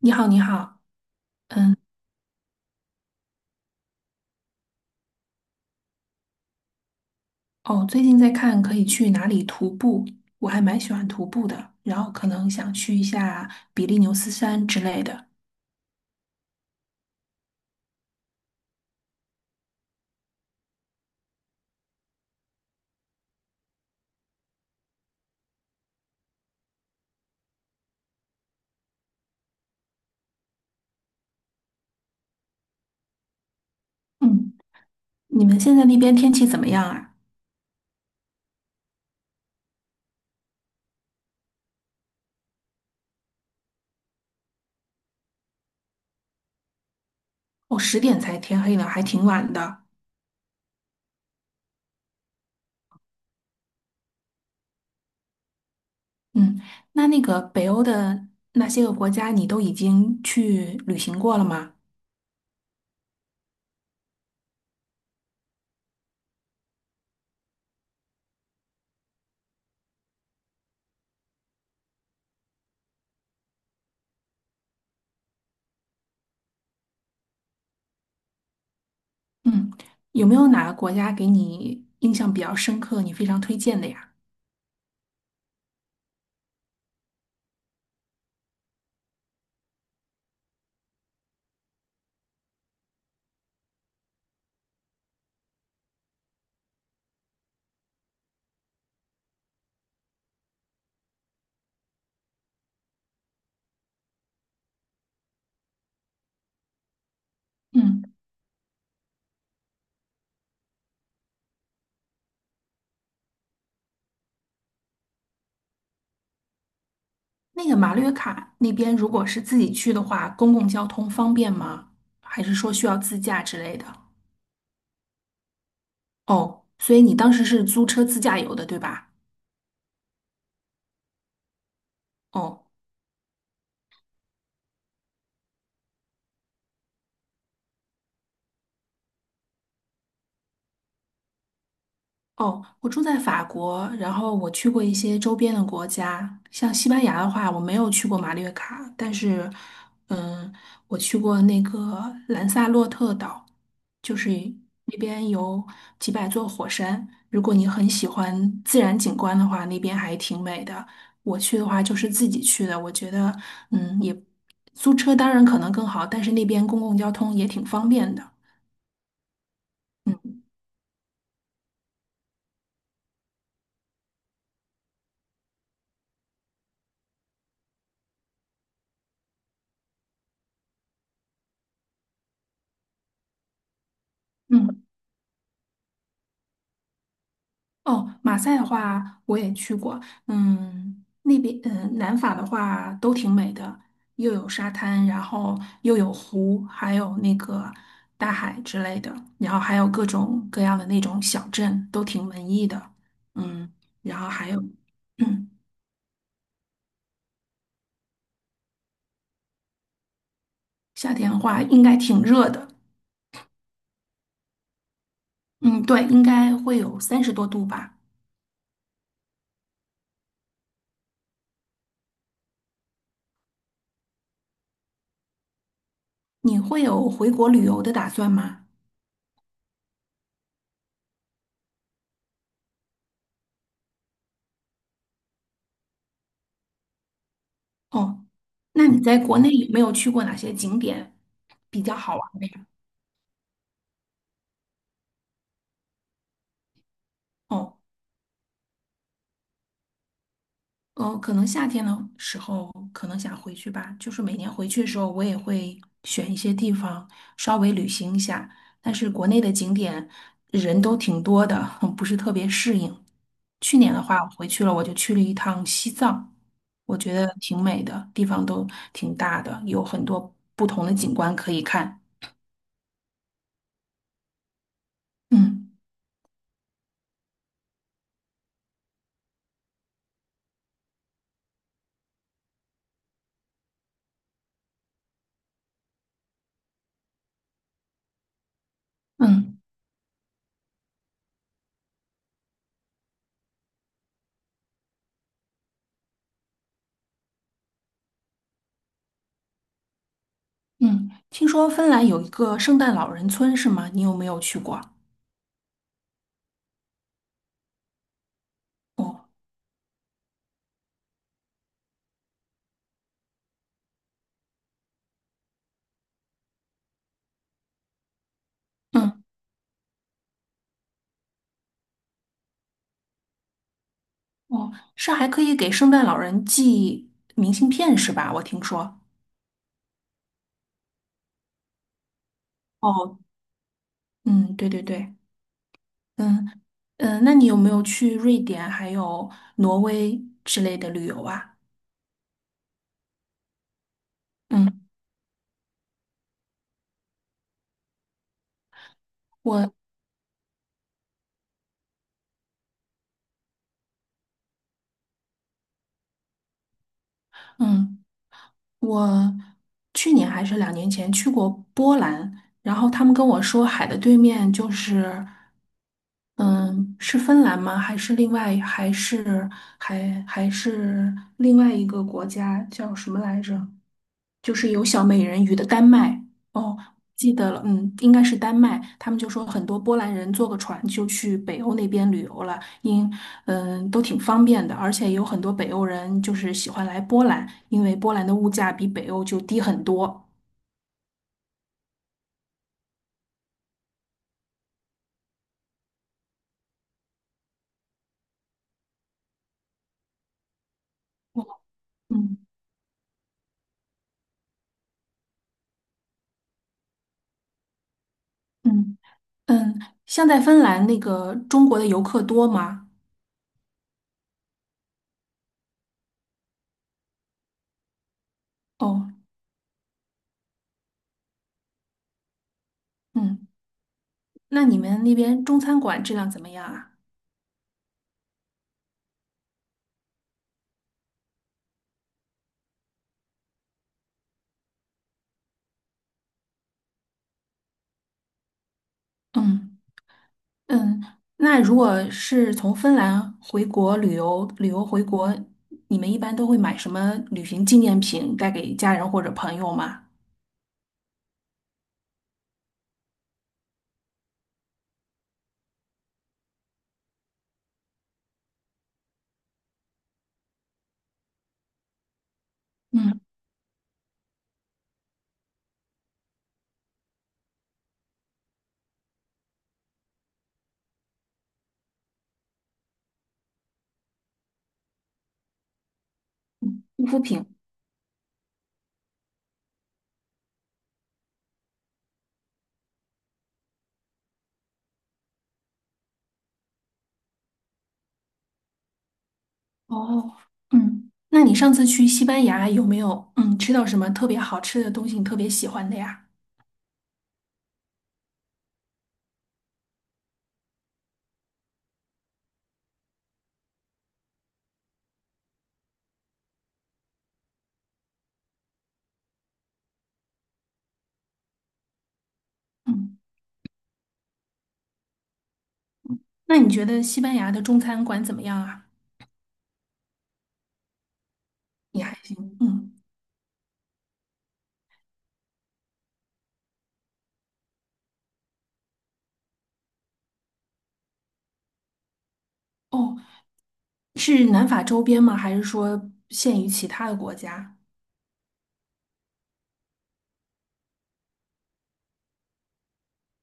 你好，你好，嗯，哦，最近在看可以去哪里徒步，我还蛮喜欢徒步的，然后可能想去一下比利牛斯山之类的。嗯，你们现在那边天气怎么样啊？哦，10点才天黑呢，还挺晚的。嗯，那个北欧的那些个国家，你都已经去旅行过了吗？嗯，有没有哪个国家给你印象比较深刻，你非常推荐的呀？嗯。那个马略卡那边，如果是自己去的话，公共交通方便吗？还是说需要自驾之类的？哦，所以你当时是租车自驾游的，对吧？哦，哦，我住在法国，然后我去过一些周边的国家，像西班牙的话，我没有去过马略卡，但是，嗯，我去过那个兰萨洛特岛，就是那边有几百座火山，如果你很喜欢自然景观的话，那边还挺美的。我去的话就是自己去的，我觉得，嗯，也租车当然可能更好，但是那边公共交通也挺方便的。嗯嗯。哦，马赛的话我也去过，嗯，那边南法的话都挺美的，又有沙滩，然后又有湖，还有那个大海之类的，然后还有各种各样的那种小镇，都挺文艺的，嗯，然后还有，嗯，夏天的话应该挺热的，嗯，对，应该会有30多度吧。你会有回国旅游的打算吗？哦，那你在国内有没有去过哪些景点比较好玩的呀？哦，可能夏天的时候可能想回去吧，就是每年回去的时候，我也会选一些地方稍微旅行一下，但是国内的景点人都挺多的，不是特别适应。去年的话，我回去了，我就去了一趟西藏，我觉得挺美的，地方都挺大的，有很多不同的景观可以看。嗯嗯嗯，听说芬兰有一个圣诞老人村是吗？你有没有去过？哦。嗯。哦，是还可以给圣诞老人寄明信片是吧？我听说。哦，嗯，对对对，嗯嗯，那你有没有去瑞典还有挪威之类的旅游啊？嗯，我嗯我去年还是2年前去过波兰，然后他们跟我说海的对面就是嗯是芬兰吗？还是另外还是还还是另外一个国家叫什么来着？就是有小美人鱼的丹麦。哦，记得了，嗯，应该是丹麦。他们就说很多波兰人坐个船就去北欧那边旅游了，都挺方便的，而且有很多北欧人就是喜欢来波兰，因为波兰的物价比北欧就低很多。嗯嗯嗯，像在芬兰那个中国的游客多吗？哦，嗯，那你们那边中餐馆质量怎么样啊？嗯。嗯，那如果是从芬兰回国旅游，旅游回国，你们一般都会买什么旅行纪念品带给家人或者朋友吗？嗯，护肤品。哦，嗯，那你上次去西班牙有没有吃到什么特别好吃的东西，你特别喜欢的呀？嗯，那你觉得西班牙的中餐馆怎么样啊？也还行。嗯，哦，是南法周边吗？还是说限于其他的国家？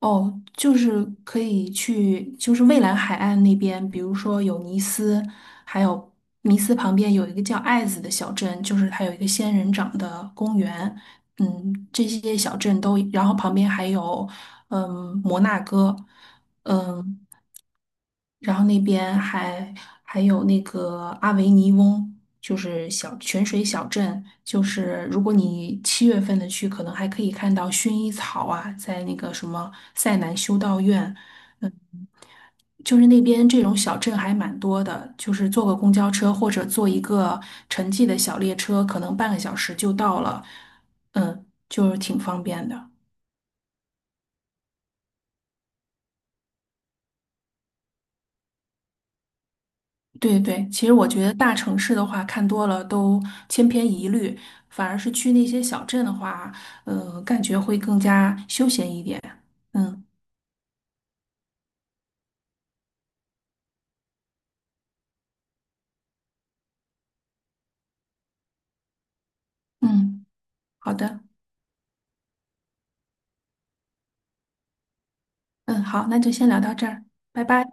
哦，就是可以去，就是蔚蓝海岸那边，比如说有尼斯，还有尼斯旁边有一个叫爱子的小镇，就是它有一个仙人掌的公园，嗯，这些小镇都，然后旁边还有，嗯，摩纳哥，嗯。然后那边还有那个阿维尼翁，就是小泉水小镇，就是如果你7月份的去，可能还可以看到薰衣草啊，在那个什么塞南修道院，嗯，就是那边这种小镇还蛮多的，就是坐个公交车或者坐一个城际的小列车，可能半个小时就到了，嗯，就是挺方便的。对对，其实我觉得大城市的话看多了都千篇一律，反而是去那些小镇的话，呃，感觉会更加休闲一点。嗯嗯，好的，嗯好，那就先聊到这儿，拜拜。